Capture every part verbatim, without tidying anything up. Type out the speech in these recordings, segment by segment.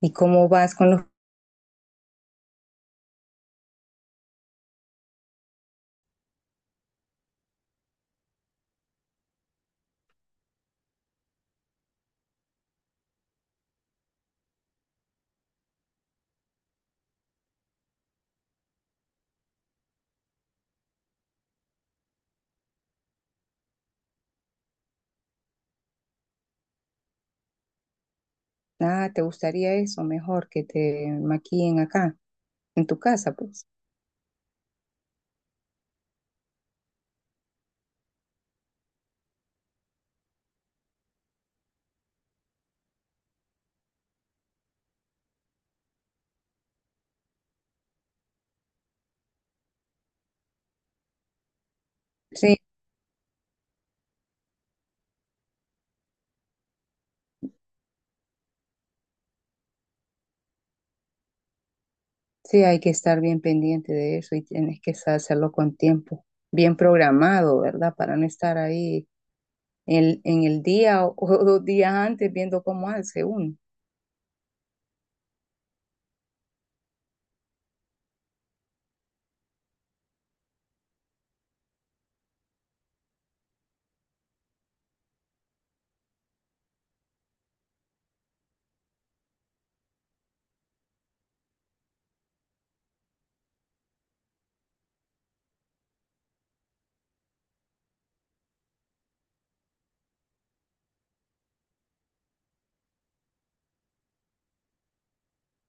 ¿Y cómo vas con los... Ah, ¿te gustaría eso? Mejor que te maquillen acá, en tu casa, pues. Sí, sí, hay que estar bien pendiente de eso y tienes que sa- hacerlo con tiempo, bien programado, ¿verdad? Para no estar ahí en, en el día o, o dos días antes viendo cómo hace uno.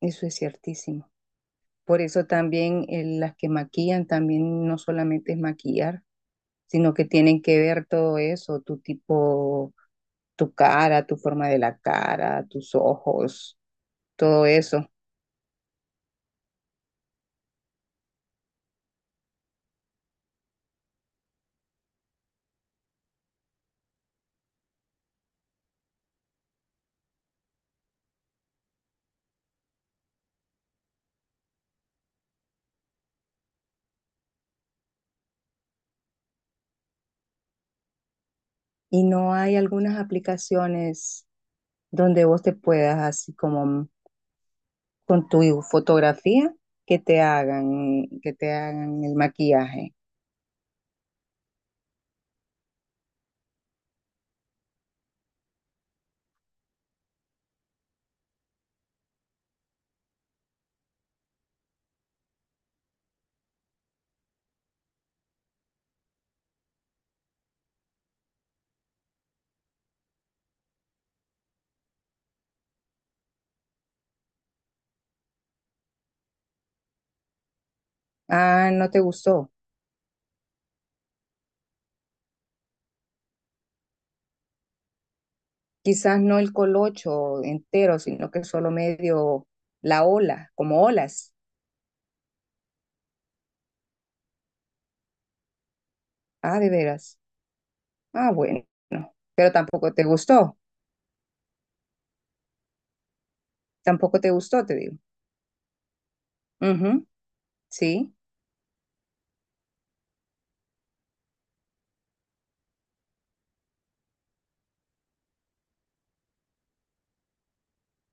Eso es ciertísimo. Por eso también eh, las que maquillan también no solamente es maquillar, sino que tienen que ver todo eso, tu tipo, tu cara, tu forma de la cara, tus ojos, todo eso. ¿Y no hay algunas aplicaciones donde vos te puedas, así como con tu fotografía, que te hagan, que te hagan el maquillaje? Ah, no te gustó. Quizás no el colocho entero, sino que solo medio la ola, como olas. Ah, de veras. Ah, bueno. Pero tampoco te gustó. Tampoco te gustó, te digo. Ujú, sí.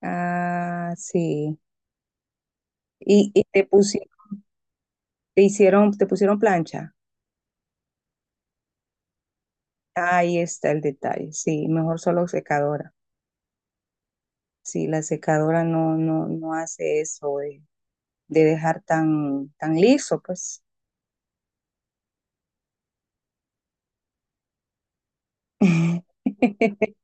Ah, sí. Y, y te pusieron, te hicieron, te pusieron plancha. Ahí está el detalle. Sí, mejor solo secadora. Sí, la secadora no, no, no hace eso de, de dejar tan, tan liso, pues.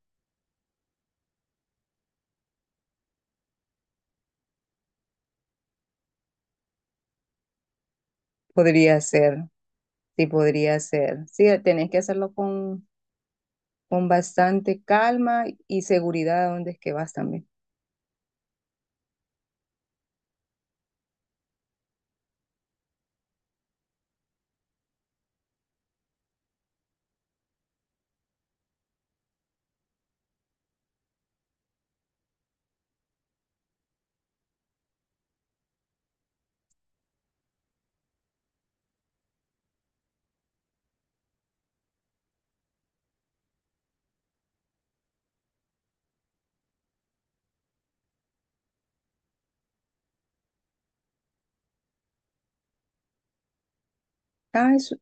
Podría ser, sí, podría ser. Sí, tenés que hacerlo con, con bastante calma y seguridad a dónde es que vas también. Ah, es...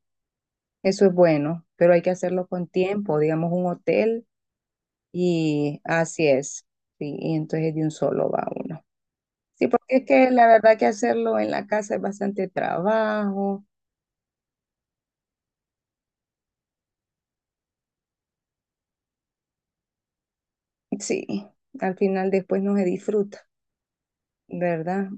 Eso es bueno, pero hay que hacerlo con tiempo, digamos un hotel, y así es. Sí, y entonces de un solo va uno. Sí, porque es que la verdad que hacerlo en la casa es bastante trabajo. Sí, al final después no se disfruta, ¿verdad?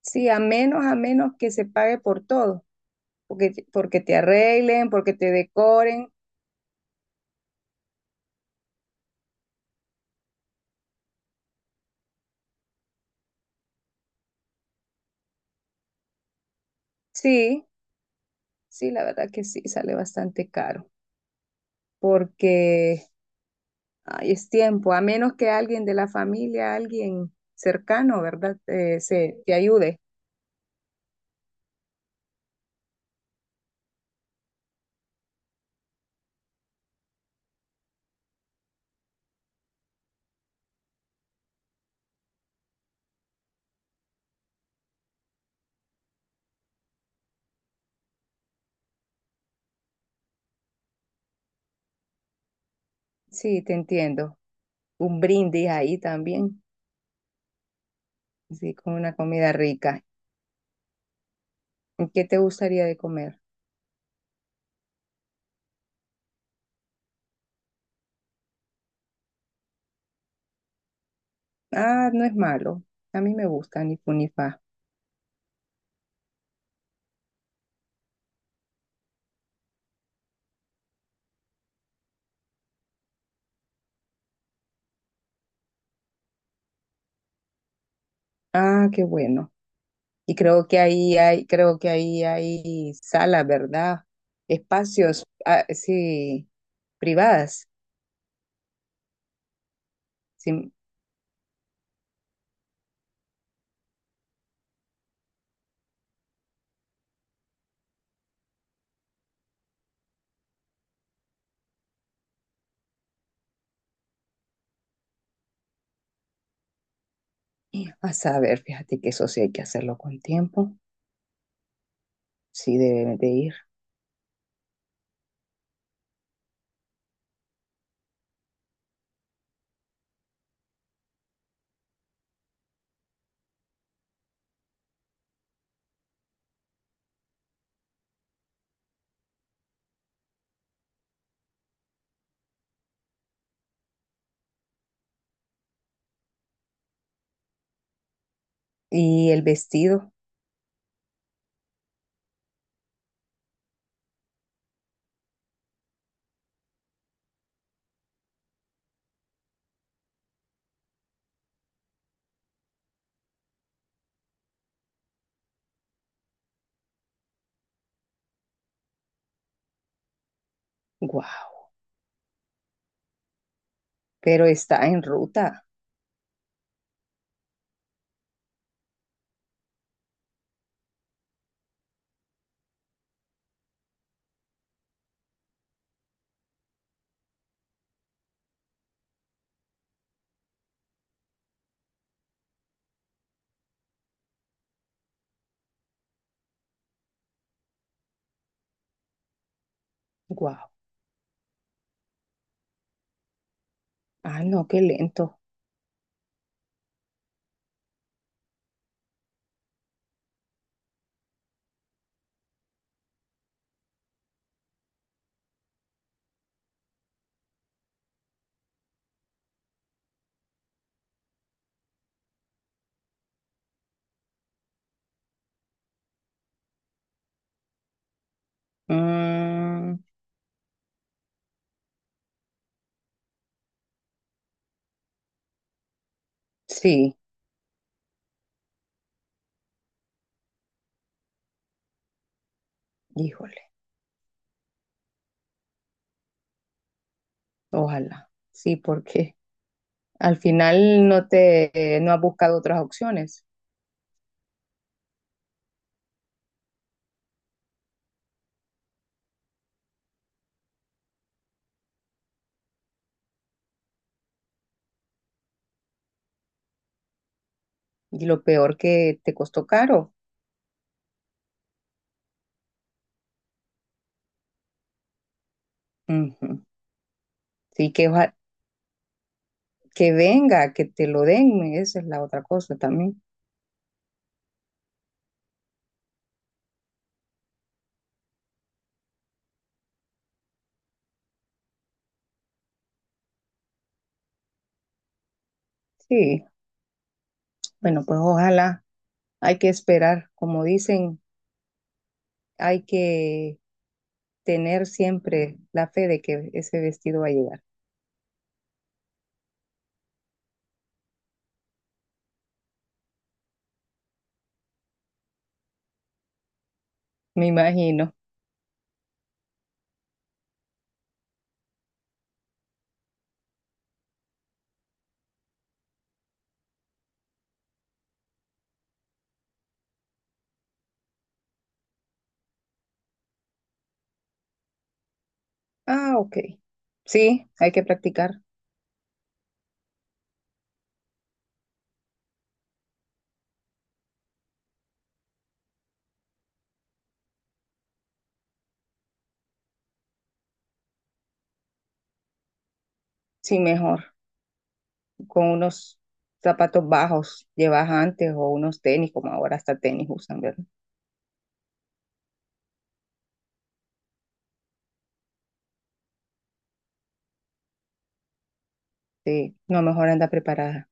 Sí, a menos, a menos que se pague por todo, porque, te- porque te arreglen, porque te decoren. Sí, sí, la verdad que sí, sale bastante caro, porque... Ay, es tiempo, a menos que alguien de la familia, alguien cercano, ¿verdad? Eh, se te ayude. Sí, te entiendo. Un brindis ahí también, sí, con una comida rica. ¿Y ¿Qué te gustaría de comer? Ah, no es malo. A mí me gusta ni fu ni fa. Ah, qué bueno. Y creo que ahí hay, creo que ahí hay salas, ¿verdad? Espacios, ah, sí, privadas. Sí. A saber, fíjate que eso sí hay que hacerlo con tiempo. Sí, deben de ir. Y el vestido, wow, pero está en ruta, wow. Ah, no, qué lento. Mm, sí, híjole, ojalá. Sí, porque al final no te, no has buscado otras opciones. Y lo peor que te costó caro. Ujú. Sí, que, oja- que venga, que te lo den, esa es la otra cosa también. Sí, bueno, pues ojalá. Hay que esperar, como dicen, hay que tener siempre la fe de que ese vestido va a llegar. Me imagino. Ah, ok. Sí, hay que practicar. Sí, mejor. Con unos zapatos bajos llevas antes o unos tenis, como ahora hasta tenis usan, ¿verdad? Sí, no, mejor anda preparada.